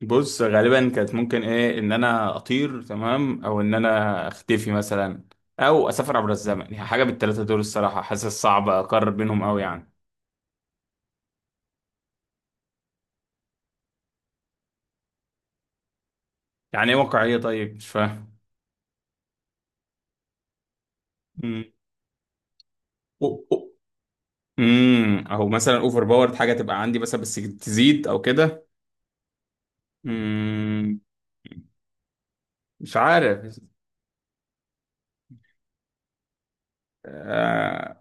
بص غالبا كانت ممكن ايه ان انا اطير، تمام، او ان انا اختفي مثلا، او اسافر عبر الزمن، يعني حاجه بالثلاثه دول. الصراحه حاسس صعب اقرر بينهم قوي يعني. يعني ايه واقعيه؟ طيب مش فاهم. امم أو- أو- او مثلا اوفر باورد، حاجه تبقى عندي مثلا بس تزيد او كده. امم مش عارف. آه،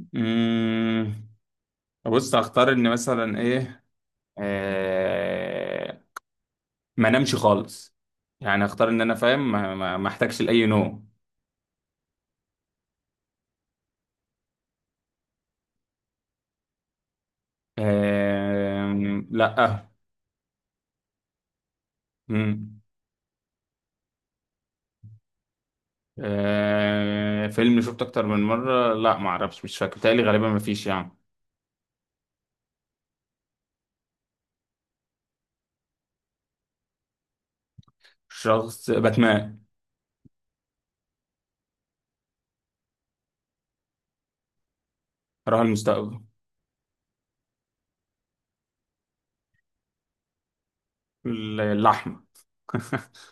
امم بص هختار ان مثلا ايه، آه، ما نمشي خالص، يعني اختار ان انا فاهم ما احتاجش لاي نوم. لا، آه. مم. آه، فيلم شفته اكتر من مره؟ لا، ما اعرفش، مش فاكر تقريبا، غالبا ما فيش يعني. شخص باتمان. راه المستقبل. اللحمه.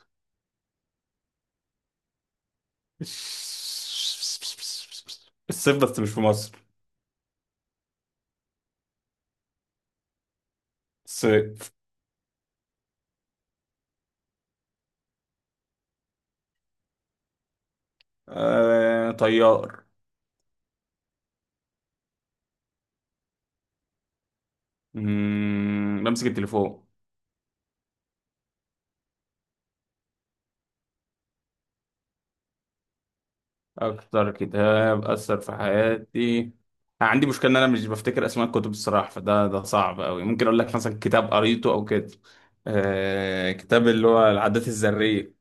الصيف، بس مش في مصر. الصيف. آه، طيار. بمسك التليفون. اكتر كتاب اثر في حياتي، عندي مشكله ان انا مش بفتكر اسماء الكتب الصراحه، فده صعب قوي، ممكن اقول لك مثلا كتاب قريته او كده. آه، كتاب اللي هو العادات الذريه.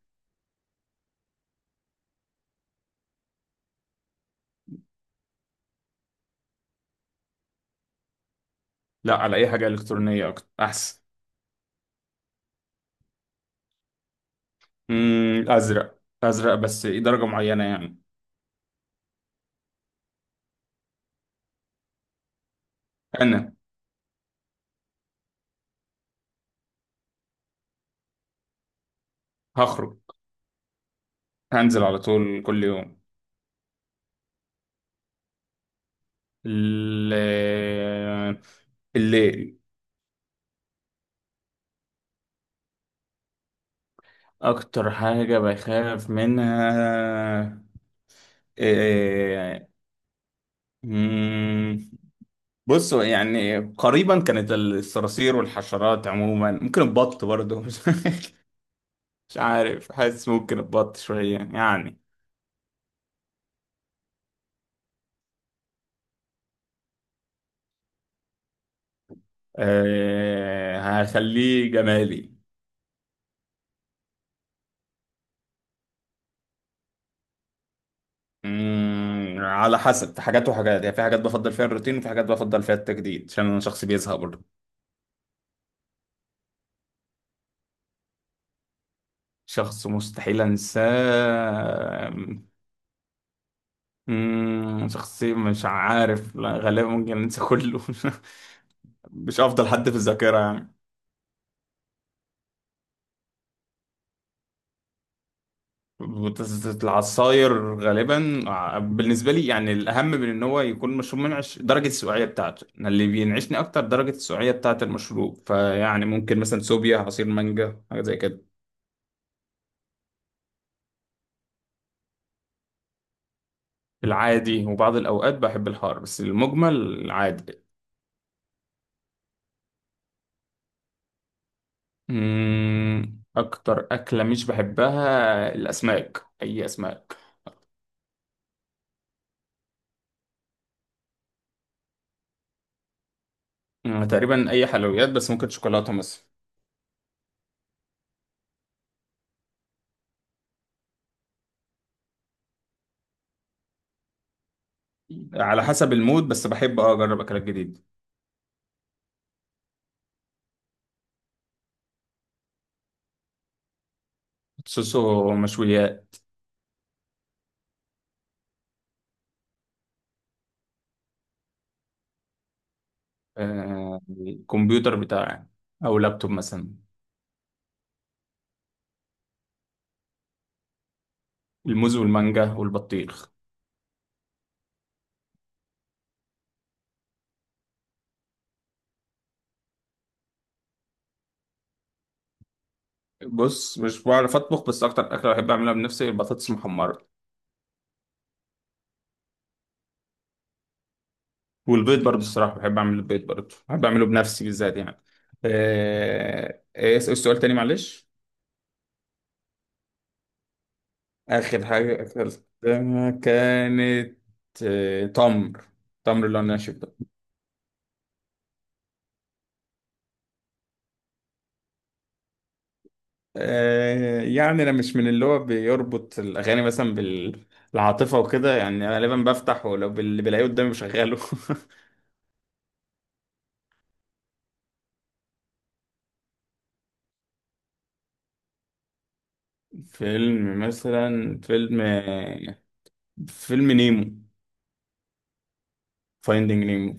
لا، على اي حاجه الكترونيه اكتر احسن. ازرق، ازرق بس إيه درجه معينه يعني. انا هخرج، هنزل على طول كل يوم. آه، الليل. اكتر حاجه بخاف منها إيه؟ بصوا يعني قريبا كانت الصراصير والحشرات عموما، ممكن البط برضه. مش عارف، حاسس ممكن البط شوية يعني. أه، هخليه جمالي. على حسب، في حاجات وحاجات يعني، في حاجات بفضل فيها الروتين وفي حاجات بفضل فيها التجديد، عشان انا شخص بيزهق برضه. شخص مستحيل انساه. شخصي؟ مش عارف، لا غالبا ممكن انسى كله. مش افضل حد في الذاكرة يعني. العصاير غالبا، بالنسبه لي يعني الاهم من ان هو يكون مشروب منعش، درجه السقوعيه بتاعته، أنا اللي بينعشني اكتر درجه السقوعيه بتاعه المشروب، فيعني ممكن مثلا سوبيا، عصير مانجا، حاجه زي كده. العادي، وبعض الاوقات بحب الحار، بس المجمل العادي. اكتر اكله مش بحبها الاسماك، اي اسماك. تقريبا اي حلويات، بس ممكن شوكولاته مثلا. على حسب المود، بس بحب اه اجرب اكلات جديده. خصوصا مشويات. آه، الكمبيوتر بتاعي، او لابتوب مثلا. الموز والمانجا والبطيخ. بص مش بعرف اطبخ، بس اكتر اكله بحب اعملها بنفسي البطاطس المحمره، والبيض برضه الصراحه، بحب اعمل البيض برضه، بحب اعمله بنفسي بالذات يعني. آه، ايه السؤال تاني معلش؟ اخر حاجه اكلتها كانت آه، تمر، تمر اللي انا شفته. آه، يعني انا مش من اللي هو بيربط الاغاني مثلا بالعاطفه وكده يعني، غالبا بفتح ولو اللي بلاقيه قدامي بشغله. فيلم، فيلم نيمو. فايندينج نيمو.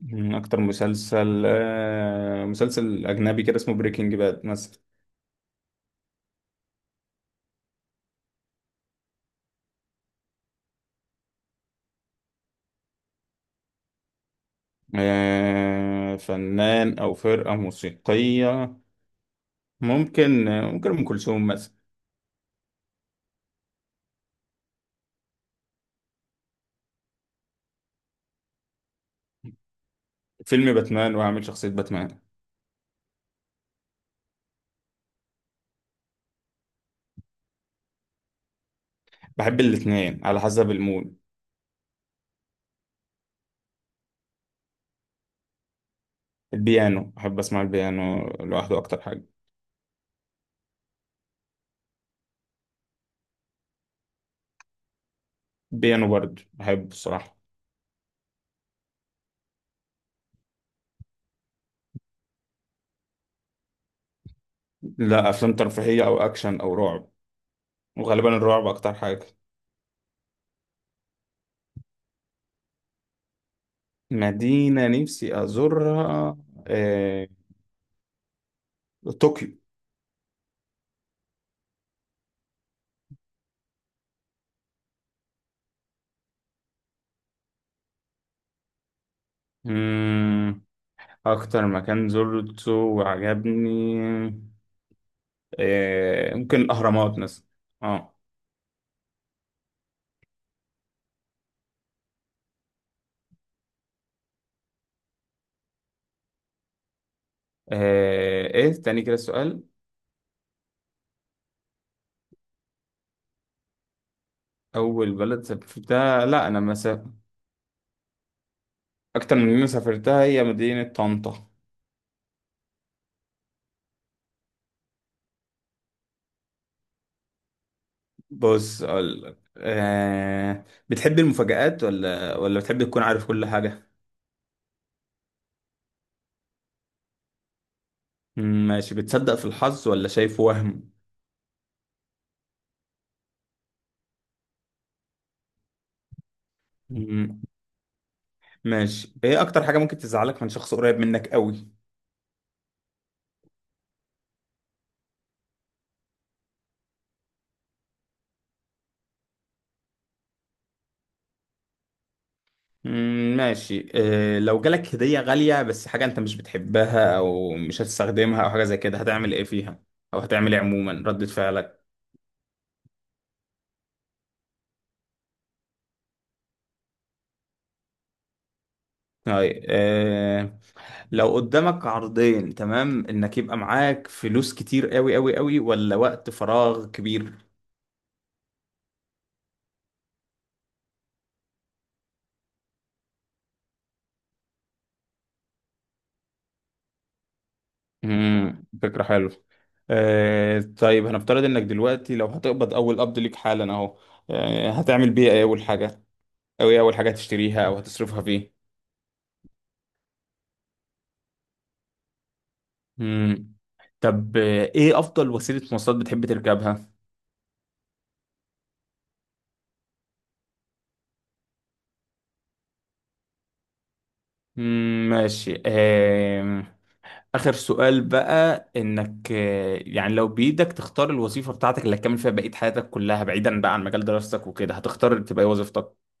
من اكتر مسلسل آه، مسلسل اجنبي كده اسمه بريكنج باد مثلا. آه، فنان او فرقه موسيقيه، ممكن ممكن ام كلثوم مثلا. فيلم باتمان، وهعمل شخصيه باتمان. بحب الاتنين، على حسب المود. البيانو، بحب اسمع البيانو لوحده اكتر حاجه. بيانو برضه بحبه الصراحه. لا، افلام ترفيهيه او اكشن او رعب، وغالبا الرعب اكتر حاجه. مدينه نفسي ازورها آه... طوكيو. مم... اكتر مكان زرته وعجبني ممكن الاهرامات مثلا. اه. آه، ايه تاني كده السؤال؟ اول بلد سافرتها؟ لا، انا مسافر. اكتر من مدينه سافرتها هي مدينه طنطا. بص اقول لك آه، بتحب المفاجآت ولا بتحب تكون عارف كل حاجة؟ ماشي. بتصدق في الحظ ولا شايفه وهم؟ مم، ماشي. ايه اكتر حاجة ممكن تزعلك من شخص قريب منك قوي؟ ماشي. آه، لو جالك هدية غالية بس حاجة انت مش بتحبها او مش هتستخدمها او حاجة زي كده، هتعمل ايه فيها، او هتعمل ايه عموما ردة فعلك؟ هاي، آه، لو قدامك عرضين، تمام، انك يبقى معاك فلوس كتير قوي قوي قوي ولا وقت فراغ كبير؟ امم، فكرة حلوة. آه طيب هنفترض انك دلوقتي لو هتقبض اول قبض ليك حالا اهو، آه هتعمل بيه ايه اول حاجة، او ايه اول حاجة هتشتريها او هتصرفها فيه؟ امم. طب آه ايه افضل وسيلة مواصلات بتحب تركبها؟ امم، ماشي. آه، اخر سؤال بقى، انك آه يعني لو بايدك تختار الوظيفة بتاعتك اللي هتكمل فيها بقية حياتك كلها بعيدا بقى عن مجال دراستك وكده، هتختار تبقى ايه وظيفتك؟